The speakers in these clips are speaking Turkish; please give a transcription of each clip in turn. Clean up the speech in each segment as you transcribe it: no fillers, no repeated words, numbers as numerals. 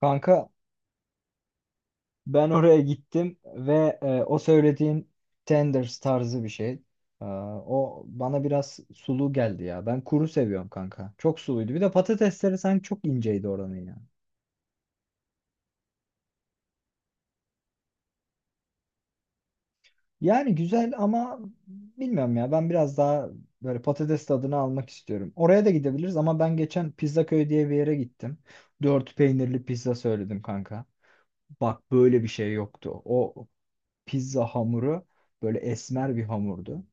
Kanka ben oraya gittim ve o söylediğin tenders tarzı bir şey. O bana biraz sulu geldi ya. Ben kuru seviyorum kanka. Çok suluydu. Bir de patatesleri sanki çok inceydi oranın ya. Yani güzel ama bilmiyorum ya. Ben biraz daha böyle patates tadını almak istiyorum. Oraya da gidebiliriz ama ben geçen Pizzaköy diye bir yere gittim. Dört peynirli pizza söyledim kanka. Bak böyle bir şey yoktu. O pizza hamuru böyle esmer bir hamurdu.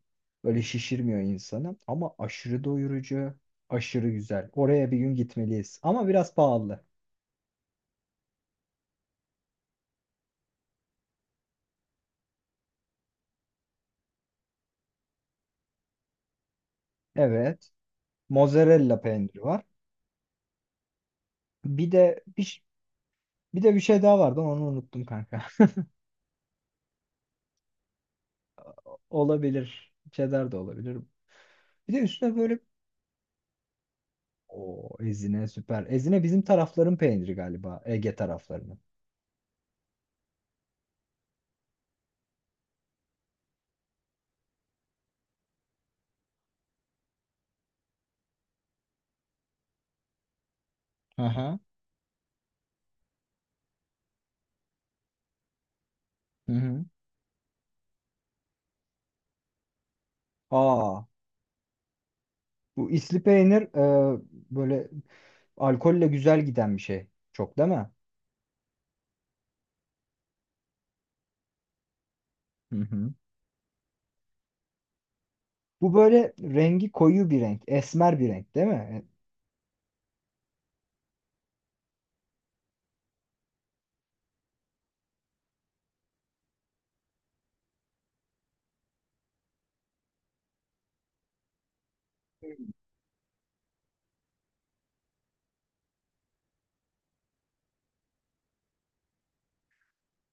Böyle şişirmiyor insanı ama aşırı doyurucu, aşırı güzel. Oraya bir gün gitmeliyiz ama biraz pahalı. Evet. Mozzarella peyniri var. Bir de bir, bir de bir şey daha vardı onu unuttum kanka. Olabilir. Cheddar da olabilir. Bir de üstüne böyle o Ezine süper. Ezine bizim tarafların peyniri galiba. Ege taraflarının. Aha. Hı hı. Aa, bu isli peynir böyle alkolle güzel giden bir şey. Çok değil mi? Hı hı. Bu böyle rengi koyu bir renk. Esmer bir renk değil mi? E,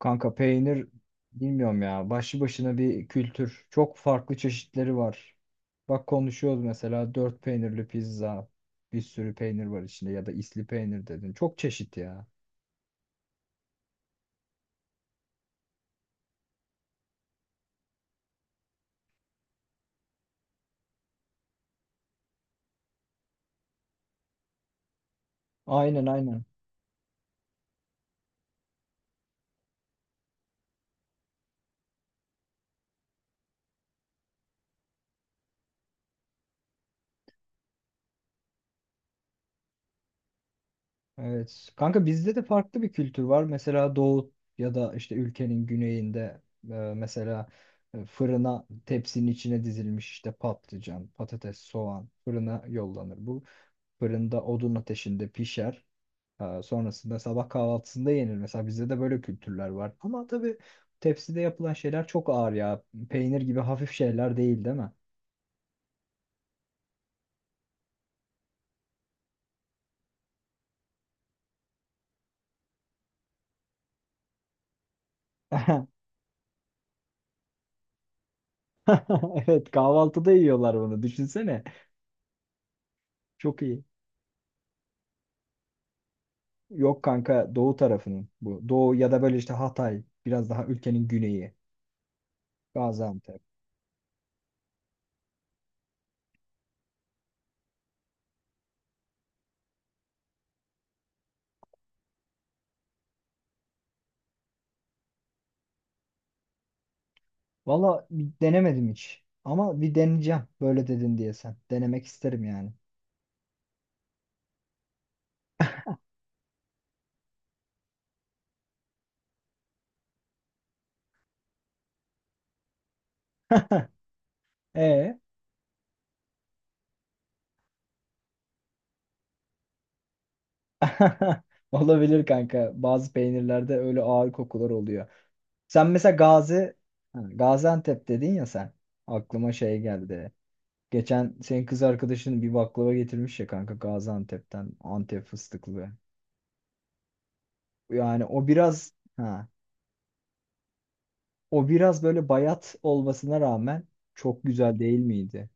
Kanka peynir bilmiyorum ya. Başlı başına bir kültür. Çok farklı çeşitleri var. Bak konuşuyoruz mesela dört peynirli pizza. Bir sürü peynir var içinde ya da isli peynir dedin. Çok çeşit ya. Aynen aynen. Evet. Kanka bizde de farklı bir kültür var. Mesela doğu ya da işte ülkenin güneyinde mesela fırına tepsinin içine dizilmiş işte patlıcan, patates, soğan fırına yollanır. Bu fırında odun ateşinde pişer. Sonrasında sabah kahvaltısında yenir. Mesela bizde de böyle kültürler var. Ama tabii tepside yapılan şeyler çok ağır ya. Peynir gibi hafif şeyler değil, değil mi? Evet, kahvaltıda yiyorlar bunu. Düşünsene. Çok iyi. Yok kanka doğu tarafının bu. Doğu ya da böyle işte Hatay biraz daha ülkenin güneyi Gaziantep. Valla bir denemedim hiç. Ama bir deneyeceğim böyle dedin diye sen. Denemek isterim yani. E olabilir kanka. Bazı peynirlerde öyle ağır kokular oluyor. Sen mesela Gazi Ha, Gaziantep dedin ya sen. Aklıma şey geldi. Geçen senin kız arkadaşın bir baklava getirmiş ya kanka Gaziantep'ten Antep fıstıklı. Yani o biraz ha O biraz böyle bayat olmasına rağmen çok güzel değil miydi?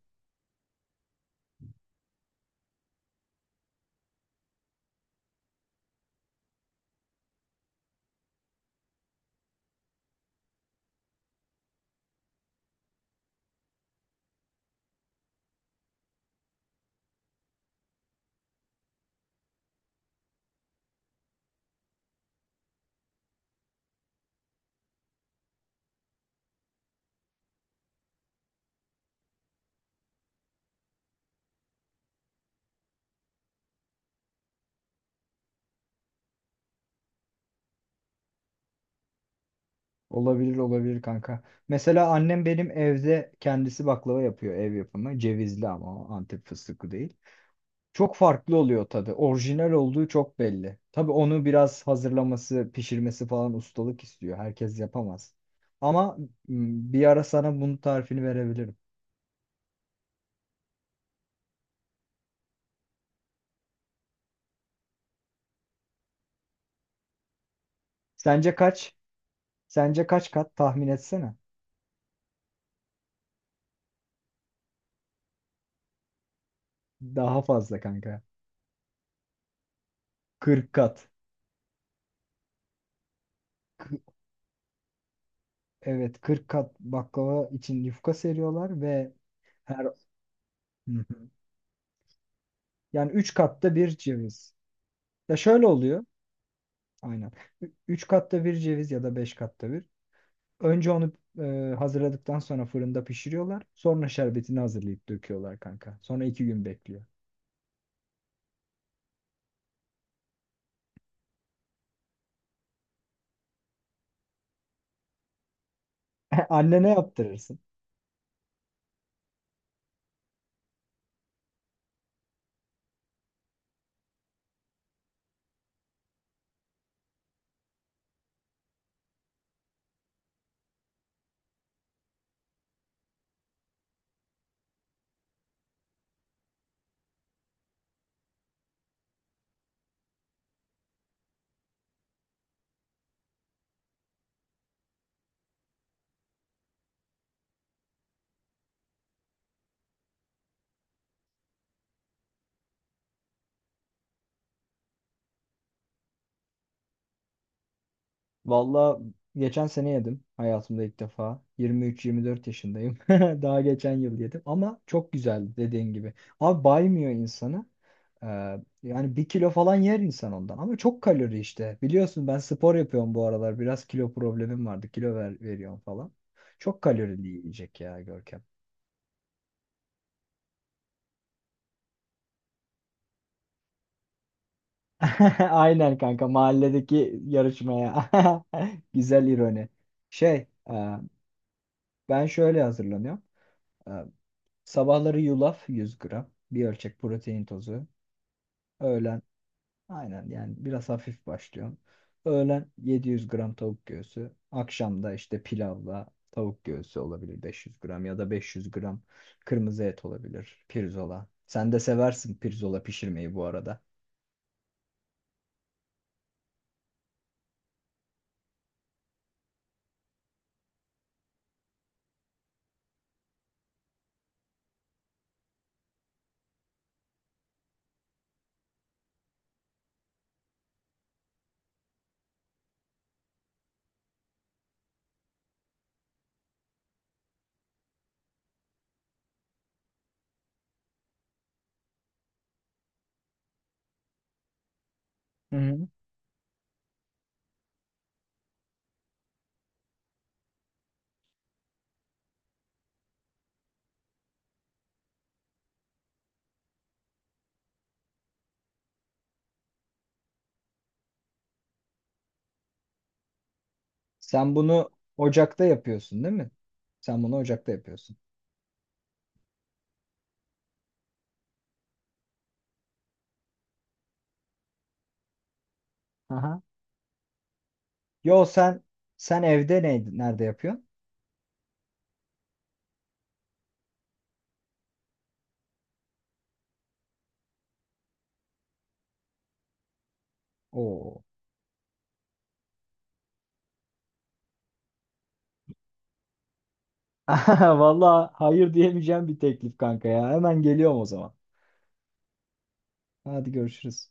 Olabilir olabilir kanka. Mesela annem benim evde kendisi baklava yapıyor ev yapımı. Cevizli ama o Antep fıstıklı değil. Çok farklı oluyor tadı. Orijinal olduğu çok belli. Tabii onu biraz hazırlaması, pişirmesi falan ustalık istiyor. Herkes yapamaz. Ama m, bir ara sana bunun tarifini verebilirim. Sence kaç? Sence kaç kat tahmin etsene. Daha fazla kanka. 40 kat. K- evet kırk kat baklava için yufka seriyorlar ve her Hı. Yani 3 katta bir ceviz. Ya şöyle oluyor. Aynen. 3 katta bir ceviz ya da 5 katta bir. Önce onu hazırladıktan sonra fırında pişiriyorlar. Sonra şerbetini hazırlayıp döküyorlar kanka. Sonra iki gün bekliyor. Annene yaptırırsın. Valla geçen sene yedim. Hayatımda ilk defa. 23-24 yaşındayım. Daha geçen yıl yedim. Ama çok güzeldi dediğin gibi. Abi baymıyor insanı. Ee, yani bir kilo falan yer insan ondan. Ama çok kalori işte. Biliyorsun ben spor yapıyorum bu aralar. Biraz kilo problemim vardı. Veriyorum falan. Çok kalorili yiyecek ya Görkem. Aynen kanka mahalledeki yarışmaya. Güzel ironi. Şey e, ben şöyle hazırlanıyorum. E, sabahları yulaf 100 gram. Bir ölçek protein tozu. Öğlen aynen yani biraz hafif başlıyorum. Öğlen 700 gram tavuk göğsü. Akşamda işte pilavla tavuk göğsü olabilir 500 gram ya da 500 gram kırmızı et olabilir. Pirzola. Sen de seversin pirzola pişirmeyi bu arada. Hı hı. Sen bunu ocakta yapıyorsun değil mi? Sen bunu ocakta yapıyorsun. Aha. Yo sen sen evde nerede yapıyorsun? Oo. Vallahi hayır diyemeyeceğim bir teklif kanka ya. Hemen geliyorum o zaman. Hadi görüşürüz.